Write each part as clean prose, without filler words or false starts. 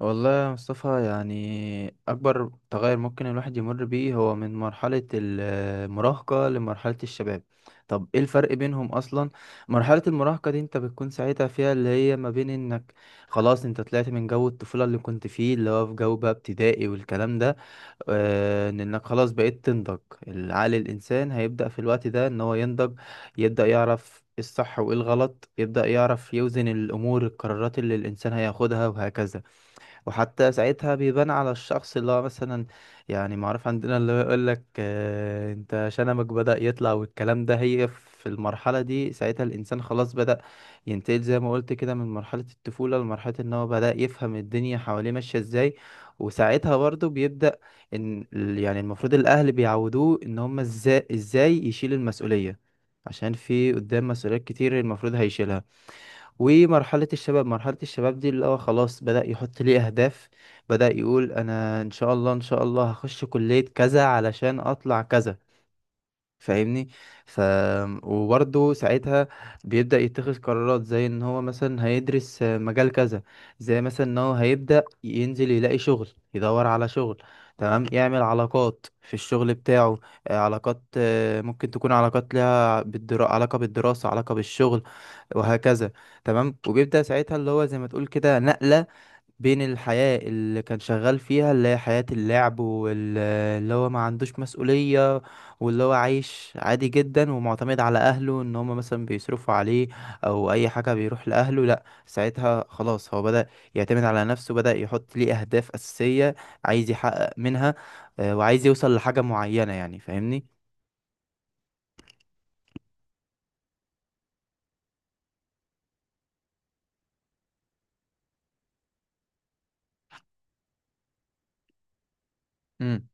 والله يا مصطفى، يعني أكبر تغير ممكن الواحد يمر بيه هو من مرحلة المراهقة لمرحلة الشباب. طب ايه الفرق بينهم أصلا؟ مرحلة المراهقة دي انت بتكون ساعتها فيها اللي هي ما بين انك خلاص انت طلعت من جو الطفولة اللي كنت فيه، اللي هو في جو بقى ابتدائي والكلام ده. ان انك خلاص بقيت تنضج. العقل الإنسان هيبدأ في الوقت ده ان هو ينضج، يبدأ يعرف إيه الصح وايه الغلط، يبدأ يعرف يوزن الأمور، القرارات اللي الإنسان هياخدها وهكذا. وحتى ساعتها بيبان على الشخص اللي هو مثلا، يعني معروف عندنا اللي هو يقول لك انت شنمك بدأ يطلع والكلام ده. هي في المرحلة دي ساعتها الإنسان خلاص بدأ ينتقل زي ما قلت كده من مرحلة الطفولة لمرحلة إن هو بدأ يفهم الدنيا حواليه ماشية إزاي. وساعتها برضه بيبدأ يعني المفروض الأهل بيعودوه إن هما إزاي يشيل المسؤولية، عشان في قدام مسؤوليات كتير المفروض هيشيلها. ومرحلة الشباب، مرحلة الشباب دي اللي هو خلاص بدأ يحط لي أهداف، بدأ يقول أنا إن شاء الله، إن شاء الله هخش كلية كذا علشان أطلع كذا. فاهمني؟ ف وبرضه ساعتها بيبدأ يتخذ قرارات زي ان هو مثلا هيدرس مجال كذا، زي مثلا ان هو هيبدأ ينزل يلاقي شغل، يدور على شغل. تمام، يعمل علاقات في الشغل بتاعه، علاقات، ممكن تكون علاقات لها علاقة بالدراسة، علاقة بالشغل وهكذا. تمام، وبيبدأ ساعتها اللي هو زي ما تقول كده نقلة بين الحياة اللي كان شغال فيها اللي هي حياة اللعب واللي هو ما عندوش مسؤولية، واللي هو عايش عادي جدا ومعتمد على اهله ان هم مثلا بيصرفوا عليه او اي حاجه بيروح لاهله. لا، ساعتها خلاص هو بدأ يعتمد على نفسه، بدأ يحط ليه اهداف اساسيه عايز يحقق منها. وعايز يوصل لحاجه معينه، يعني فاهمني؟ امم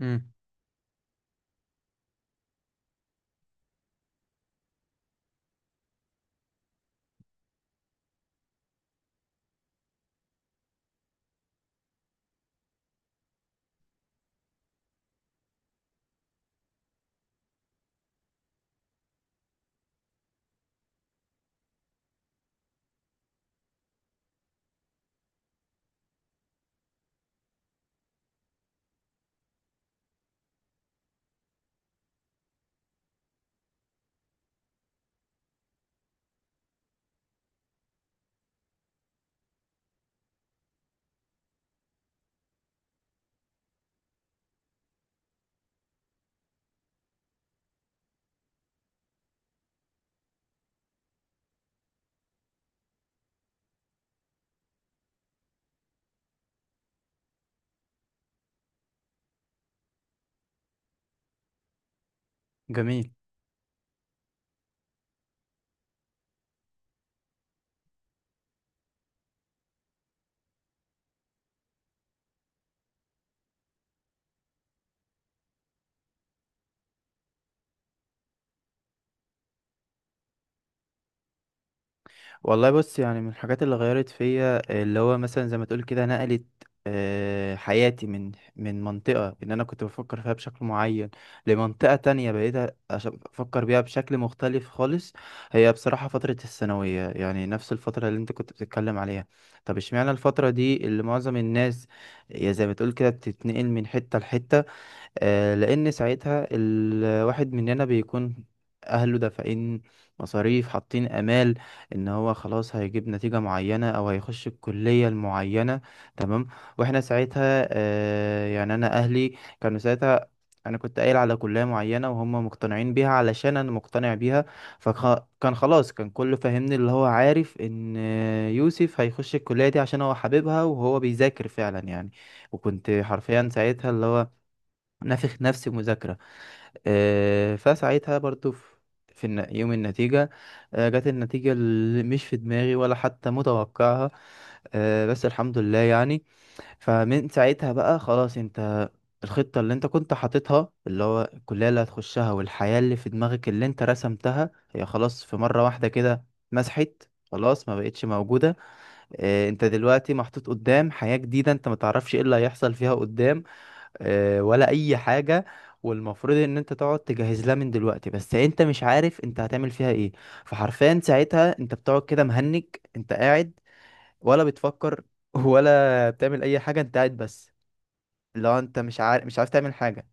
امم جميل. والله بص، يعني من الحاجات اللي غيرت فيا اللي هو مثلا زي ما تقول كده نقلت حياتي من منطقة ان انا كنت بفكر فيها بشكل معين لمنطقة تانية بقيت افكر بيها بشكل مختلف خالص. هي بصراحة فترة الثانوية، يعني نفس الفترة اللي انت كنت بتتكلم عليها. طب اشمعنى الفترة دي اللي معظم الناس يا زي ما تقول كده بتتنقل من حتة لحتة؟ لأن ساعتها الواحد مننا بيكون أهله دافعين مصاريف، حاطين آمال إن هو خلاص هيجيب نتيجة معينة أو هيخش الكلية المعينة. تمام، وإحنا ساعتها، يعني أنا أهلي كانوا ساعتها، أنا كنت قايل على كلية معينة وهم مقتنعين بيها علشان أنا مقتنع بيها. فكان خلاص، كان كله فاهمني اللي هو عارف إن يوسف هيخش الكلية دي عشان هو حاببها وهو بيذاكر فعلا يعني. وكنت حرفيا ساعتها اللي هو نافخ نفسي مذاكرة. فساعتها برضو في يوم النتيجة، جت النتيجة اللي مش في دماغي ولا حتى متوقعها. بس الحمد لله يعني. فمن ساعتها بقى خلاص، انت الخطة اللي انت كنت حاططها اللي هو الكلية اللي هتخشها والحياة اللي في دماغك اللي انت رسمتها هي خلاص في مرة واحدة كده مسحت، خلاص ما بقتش موجودة. انت دلوقتي محطوط قدام حياة جديدة، انت ما تعرفش ايه اللي هيحصل فيها قدام، ولا اي حاجه. والمفروض ان انت تقعد تجهز لها من دلوقتي، بس انت مش عارف انت هتعمل فيها ايه. فحرفيا ساعتها انت بتقعد كده مهنج، انت قاعد ولا بتفكر ولا بتعمل اي حاجه، انت قاعد بس، لو انت مش عارف، مش عارف تعمل حاجه.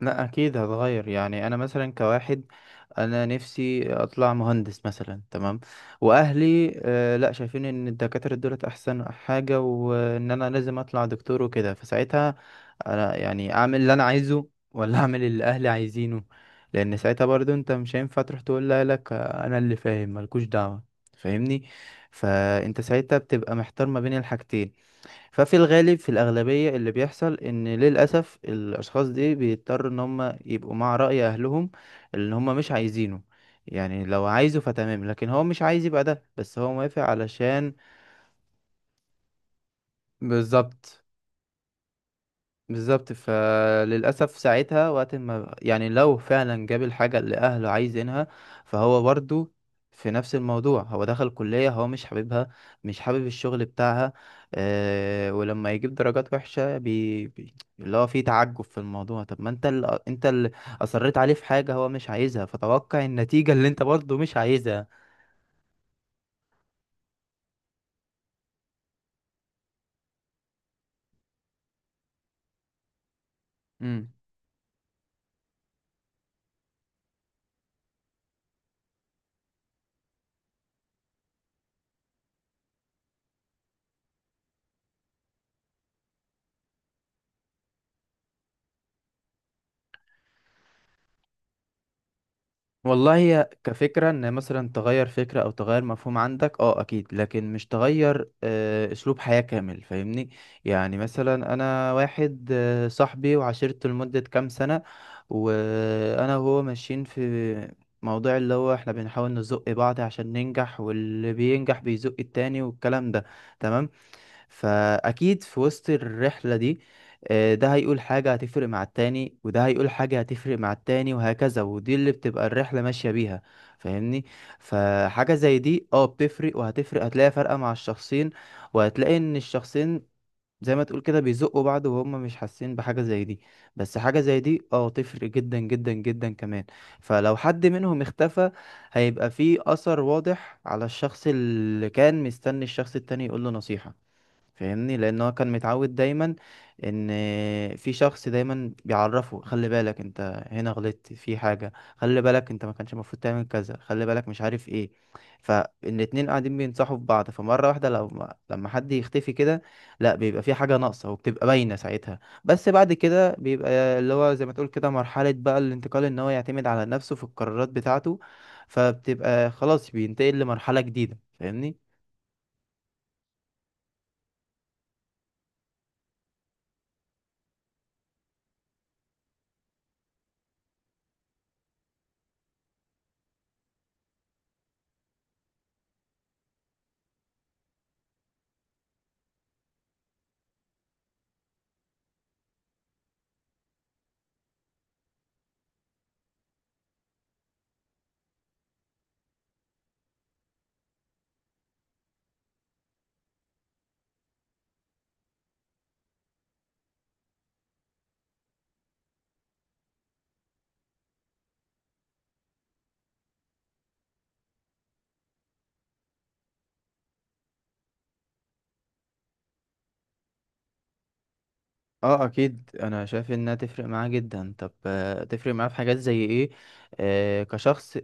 لا اكيد هتغير، يعني انا مثلا كواحد انا نفسي اطلع مهندس مثلا، تمام، واهلي آه لا شايفين ان دكاتره دولت احسن حاجه وان انا لازم اطلع دكتور وكده. فساعتها انا يعني اعمل اللي انا عايزه ولا اعمل اللي اهلي عايزينه؟ لان ساعتها برضو انت مش هينفع تروح تقول لك انا اللي فاهم ملكوش دعوه، فاهمني؟ فانت ساعتها بتبقى محتار ما بين الحاجتين. ففي الغالب في الأغلبية اللي بيحصل إن للأسف الأشخاص دي بيضطروا إن هم يبقوا مع رأي أهلهم اللي هم مش عايزينه. يعني لو عايزه فتمام، لكن هو مش عايز يبقى ده، بس هو موافق علشان. بالظبط، بالظبط. فللأسف ساعتها وقت ما، يعني لو فعلا جاب الحاجة اللي أهله عايزينها، فهو برضو في نفس الموضوع هو دخل كلية هو مش حاببها، مش حابب الشغل بتاعها. أه، ولما يجيب درجات وحشة اللي هو فيه تعجب في الموضوع، طب ما انت اللي، انت اللي أصريت عليه في حاجة هو مش عايزها، فتوقع النتيجة اللي انت برضو مش عايزها. والله هي كفكرة ان مثلا تغير فكرة او تغير مفهوم عندك اه اكيد، لكن مش تغير اسلوب حياة كامل، فاهمني؟ يعني مثلا انا واحد صاحبي وعشرته لمدة كام سنة، وانا وهو ماشيين في موضوع اللي هو احنا بنحاول نزق بعض عشان ننجح، واللي بينجح بيزق التاني والكلام ده، تمام. فأكيد في وسط الرحلة دي، ده هيقول حاجة هتفرق مع التاني، وده هيقول حاجة هتفرق مع التاني وهكذا، ودي اللي بتبقى الرحلة ماشية بيها، فاهمني؟ فحاجة زي دي اه بتفرق، وهتفرق هتلاقي فرقة مع الشخصين. وهتلاقي ان الشخصين زي ما تقول كده بيزقوا بعض وهم مش حاسين بحاجة زي دي، بس حاجة زي دي اه تفرق جدا جدا جدا كمان. فلو حد منهم اختفى، هيبقى فيه أثر واضح على الشخص اللي كان مستني الشخص التاني يقول له نصيحة، فاهمني؟ لان هو كان متعود دايما ان في شخص دايما بيعرفه خلي بالك انت هنا غلطت في حاجه، خلي بالك انت ما كانش المفروض تعمل كذا، خلي بالك مش عارف ايه. فالاتنين قاعدين بينصحوا في بعض، فمره واحده لو لما حد يختفي كده، لا بيبقى في حاجه ناقصه وبتبقى باينه ساعتها. بس بعد كده بيبقى اللي هو زي ما تقول كده مرحله بقى الانتقال ان هو يعتمد على نفسه في القرارات بتاعته، فبتبقى خلاص بينتقل لمرحله جديده، فاهمني؟ اه اكيد انا شايف انها تفرق معاه جدا. طب تفرق معاه في حاجات زي ايه؟ آه كشخص،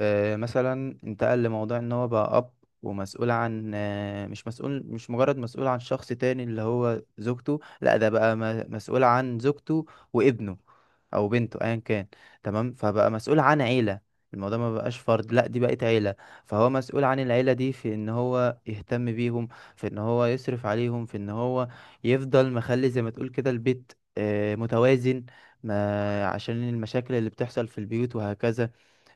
آه مثلا انتقل لموضوع ان هو بقى اب، ومسؤول عن آه، مش مجرد مسؤول عن شخص تاني اللي هو زوجته، لا ده بقى مسؤول عن زوجته وابنه او بنته ايا كان. تمام، فبقى مسؤول عن عيلة. الموضوع ما بقاش فرد، لا دي بقت عيلة. فهو مسؤول عن العيلة دي في ان هو يهتم بيهم، في ان هو يصرف عليهم، في ان هو يفضل مخلي زي ما تقول كده البيت متوازن، ما عشان المشاكل اللي بتحصل في البيوت وهكذا.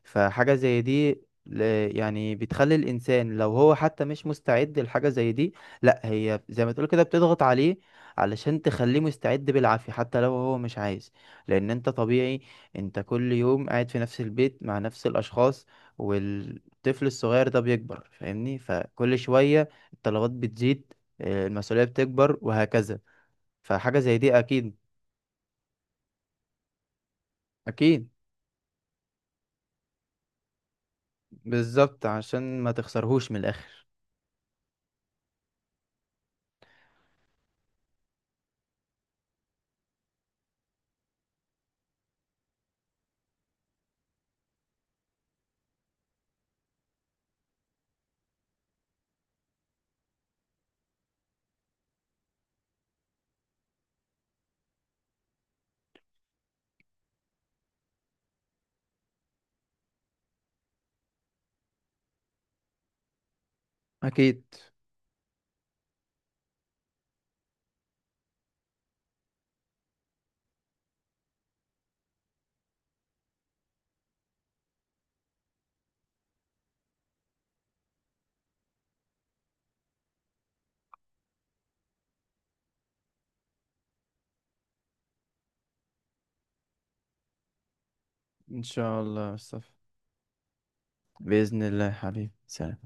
فحاجة زي دي يعني بتخلي الإنسان لو هو حتى مش مستعد لحاجة زي دي، لا هي زي ما تقول كده بتضغط عليه علشان تخليه مستعد بالعافية حتى لو هو مش عايز. لأن أنت طبيعي، أنت كل يوم قاعد في نفس البيت مع نفس الأشخاص، والطفل الصغير ده بيكبر، فاهمني؟ فكل شوية الطلبات بتزيد، المسؤولية بتكبر وهكذا. فحاجة زي دي أكيد. أكيد، بالظبط، عشان ما تخسرهوش من الآخر. أكيد. إن شاء الله يا مصطفى. بإذن الله يا حبيبي، سلام.